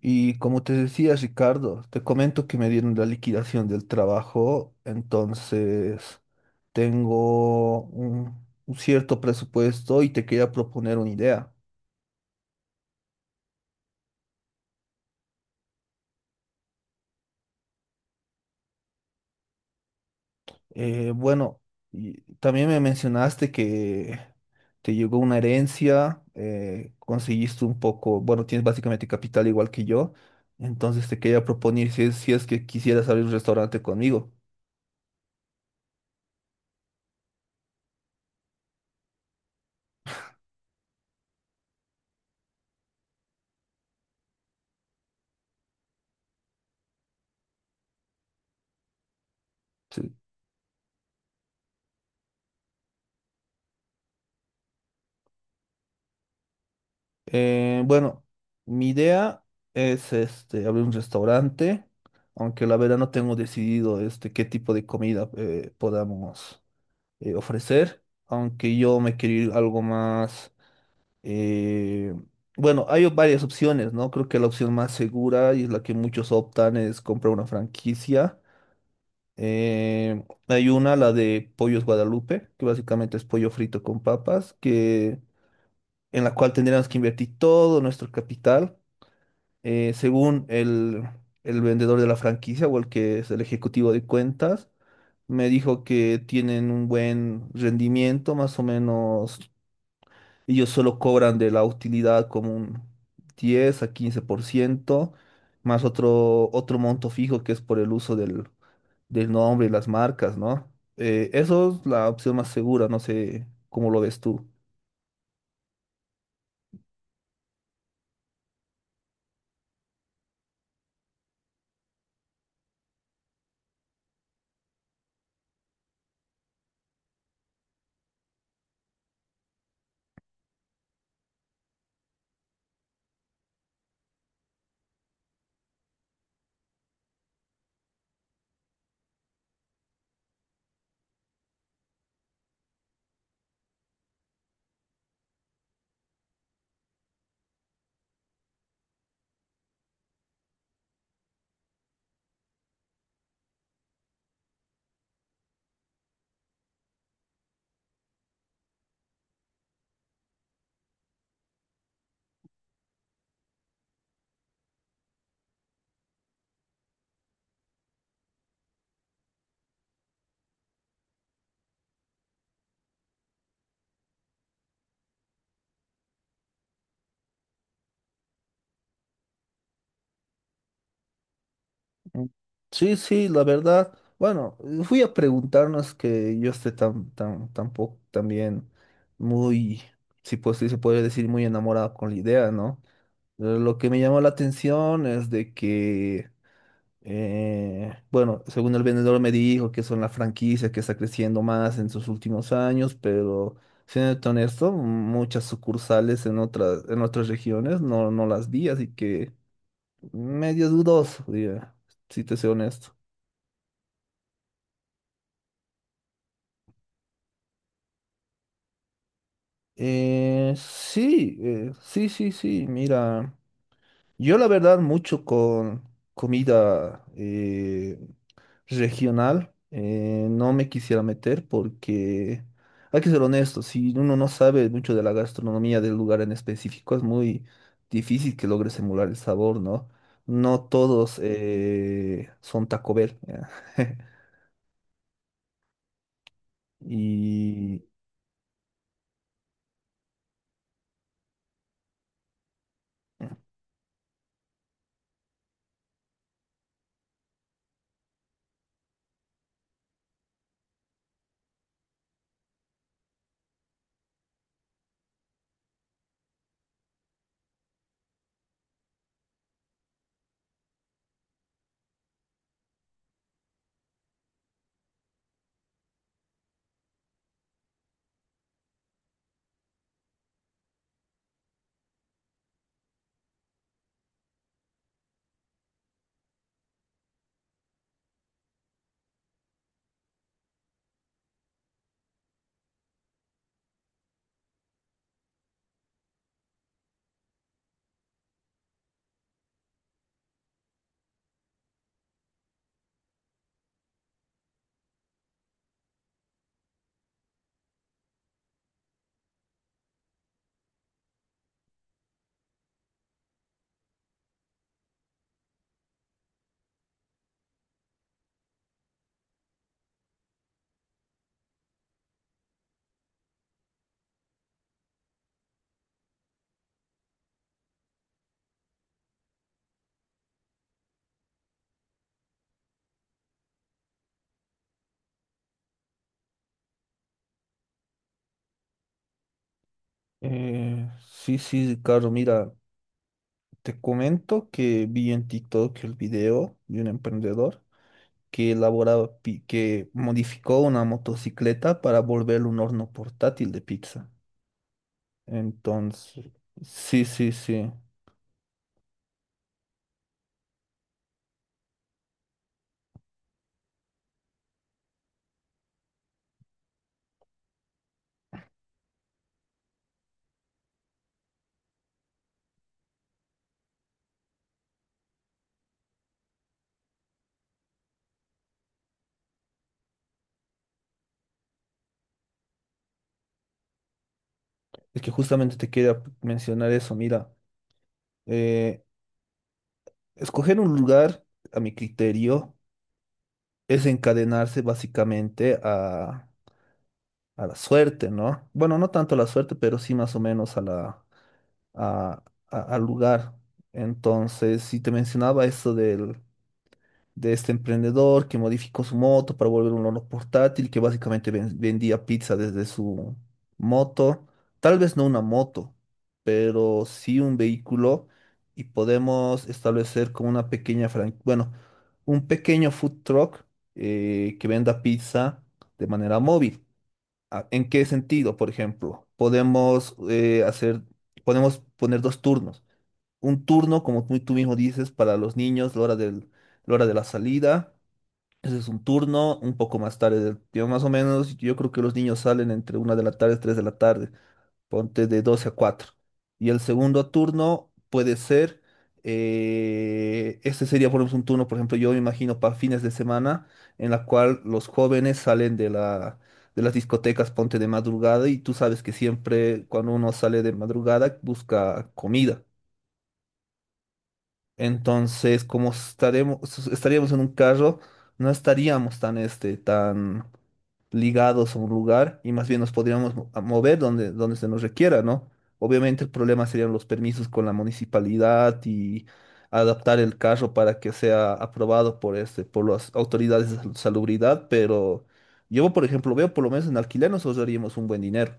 Y como te decía, Ricardo, te comento que me dieron la liquidación del trabajo, entonces tengo un cierto presupuesto y te quería proponer una idea. Eh, bueno, y también me mencionaste que te llegó una herencia, conseguiste un poco, bueno, tienes básicamente capital igual que yo, entonces te quería proponer si es que quisieras abrir un restaurante conmigo. Sí. Eh, bueno, Mi idea es abrir un restaurante, aunque la verdad no tengo decidido qué tipo de comida podamos ofrecer, aunque yo me quiero ir algo más. eh, bueno, hay varias opciones, ¿no? Creo que la opción más segura y es la que muchos optan es comprar una franquicia. Hay una, la de Pollos Guadalupe, que básicamente es pollo frito con papas en la cual tendríamos que invertir todo nuestro capital, según el vendedor de la franquicia o el que es el ejecutivo de cuentas. Me dijo que tienen un buen rendimiento, más o menos ellos solo cobran de la utilidad como un 10% a 15%, más otro monto fijo que es por el uso del nombre y las marcas, ¿no? Eso es la opción más segura, no sé cómo lo ves tú. Mm. Sí, sí, la verdad. Bueno, fui a preguntarnos que yo esté tan, tampoco también muy, si pues sí se puede decir, muy enamorado con la idea, ¿no? Lo que me llamó la atención es de que, bueno, según el vendedor me dijo que son la franquicia que está creciendo más en sus últimos años, pero siendo honesto, muchas sucursales en otras regiones no las vi, así que medio dudoso, diría, si te soy honesto. Sí, sí, sí, sí, mira, yo la verdad mucho con comida regional no me quisiera meter, porque hay que ser honesto, si uno no sabe mucho de la gastronomía del lugar en específico es muy difícil que logres emular el sabor, ¿no? No todos son Taco Bell. Y sí, sí, Ricardo, mira. Te comento que vi en TikTok el video de un emprendedor que elaboraba, que modificó una motocicleta para volverlo un horno portátil de pizza. Entonces, sí, sí, sí. Es que justamente te quería mencionar eso. Mira, eh, escoger un lugar, a mi criterio, es encadenarse básicamente a la suerte, ¿no? Bueno, no tanto a la suerte, pero sí más o menos a la a- al lugar. Entonces, si te mencionaba eso de este emprendedor que modificó su moto para volver un horno portátil, que básicamente vendía pizza desde su moto, tal vez no una moto, pero sí un vehículo, y podemos establecer como una pequeña franquicia, bueno, un pequeño food truck que venda pizza de manera móvil. Ah, ¿en qué sentido, por ejemplo? Podemos hacer, podemos poner dos turnos, un turno, como tú mismo dices, para los niños, la hora de la salida. Ese es un turno, un poco más tarde. Yo más o menos, yo creo que los niños salen entre 1 de la tarde, 3 de la tarde, ponte de 12 a 4. Y el segundo turno puede ser, este sería, por ejemplo, un turno, por ejemplo, yo me imagino para fines de semana, en la cual los jóvenes salen de las discotecas, ponte de madrugada, y tú sabes que siempre cuando uno sale de madrugada busca comida. Entonces, como estaremos, estaríamos en un carro, no estaríamos tan, tan ligados a un lugar, y más bien nos podríamos a mover donde, se nos requiera, ¿no? Obviamente el problema serían los permisos con la municipalidad y adaptar el carro para que sea aprobado por, por las autoridades de salubridad. Pero yo, por ejemplo, veo por lo menos en alquiler nos ahorraríamos un buen dinero.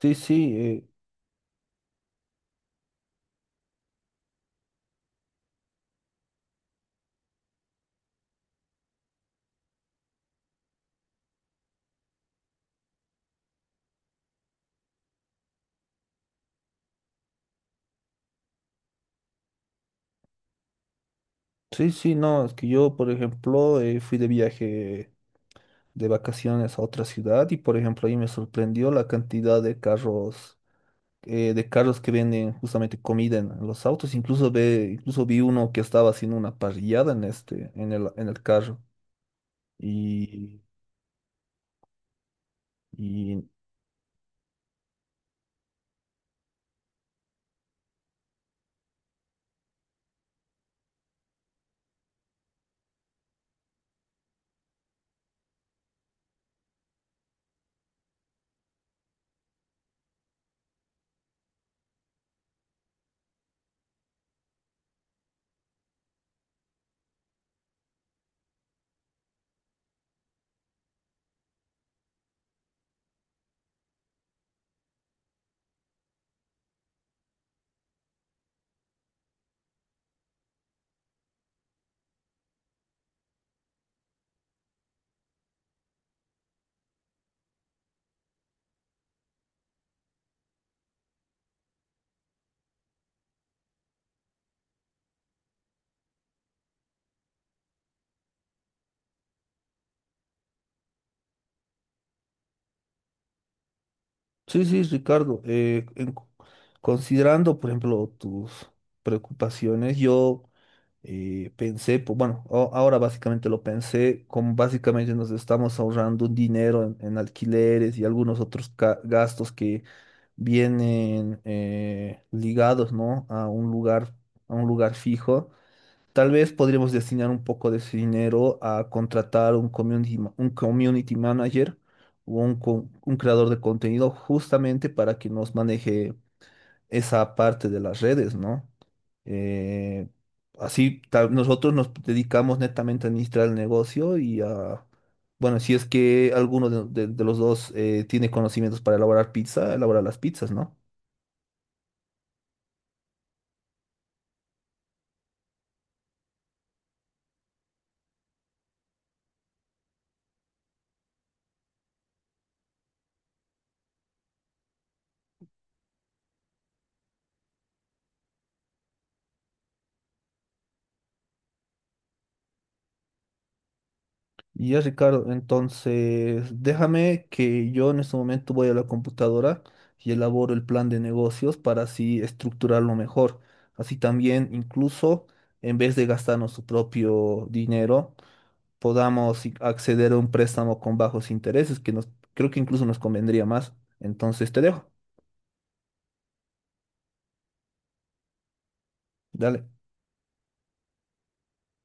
Sí, sí, sí, sí, no, es que yo, por ejemplo, fui de viaje, de vacaciones a otra ciudad, y, por ejemplo, ahí me sorprendió la cantidad de carros que venden justamente comida en, los autos. Incluso, incluso vi uno que estaba haciendo una parrillada en en el carro. Y, y sí, sí, Ricardo, considerando, por ejemplo, tus preocupaciones, yo. Pensé, pues, bueno, ahora básicamente lo pensé, como básicamente nos estamos ahorrando un dinero en, alquileres y algunos otros gastos que vienen ligados, ¿no? A un lugar, fijo. Tal vez podríamos destinar un poco de ese dinero a contratar un un community manager, o un creador de contenido, justamente para que nos maneje esa parte de las redes, ¿no? Eh, Así nosotros nos dedicamos netamente a administrar el negocio y a, bueno, si es que alguno de los dos tiene conocimientos para elaborar pizza, elaborar las pizzas, ¿no? Y ya, Ricardo, entonces déjame que yo en este momento voy a la computadora y elaboro el plan de negocios para así estructurarlo mejor. Así también, incluso, en vez de gastarnos su propio dinero, podamos acceder a un préstamo con bajos intereses, que nos, creo que incluso nos convendría más. Entonces te dejo. Dale.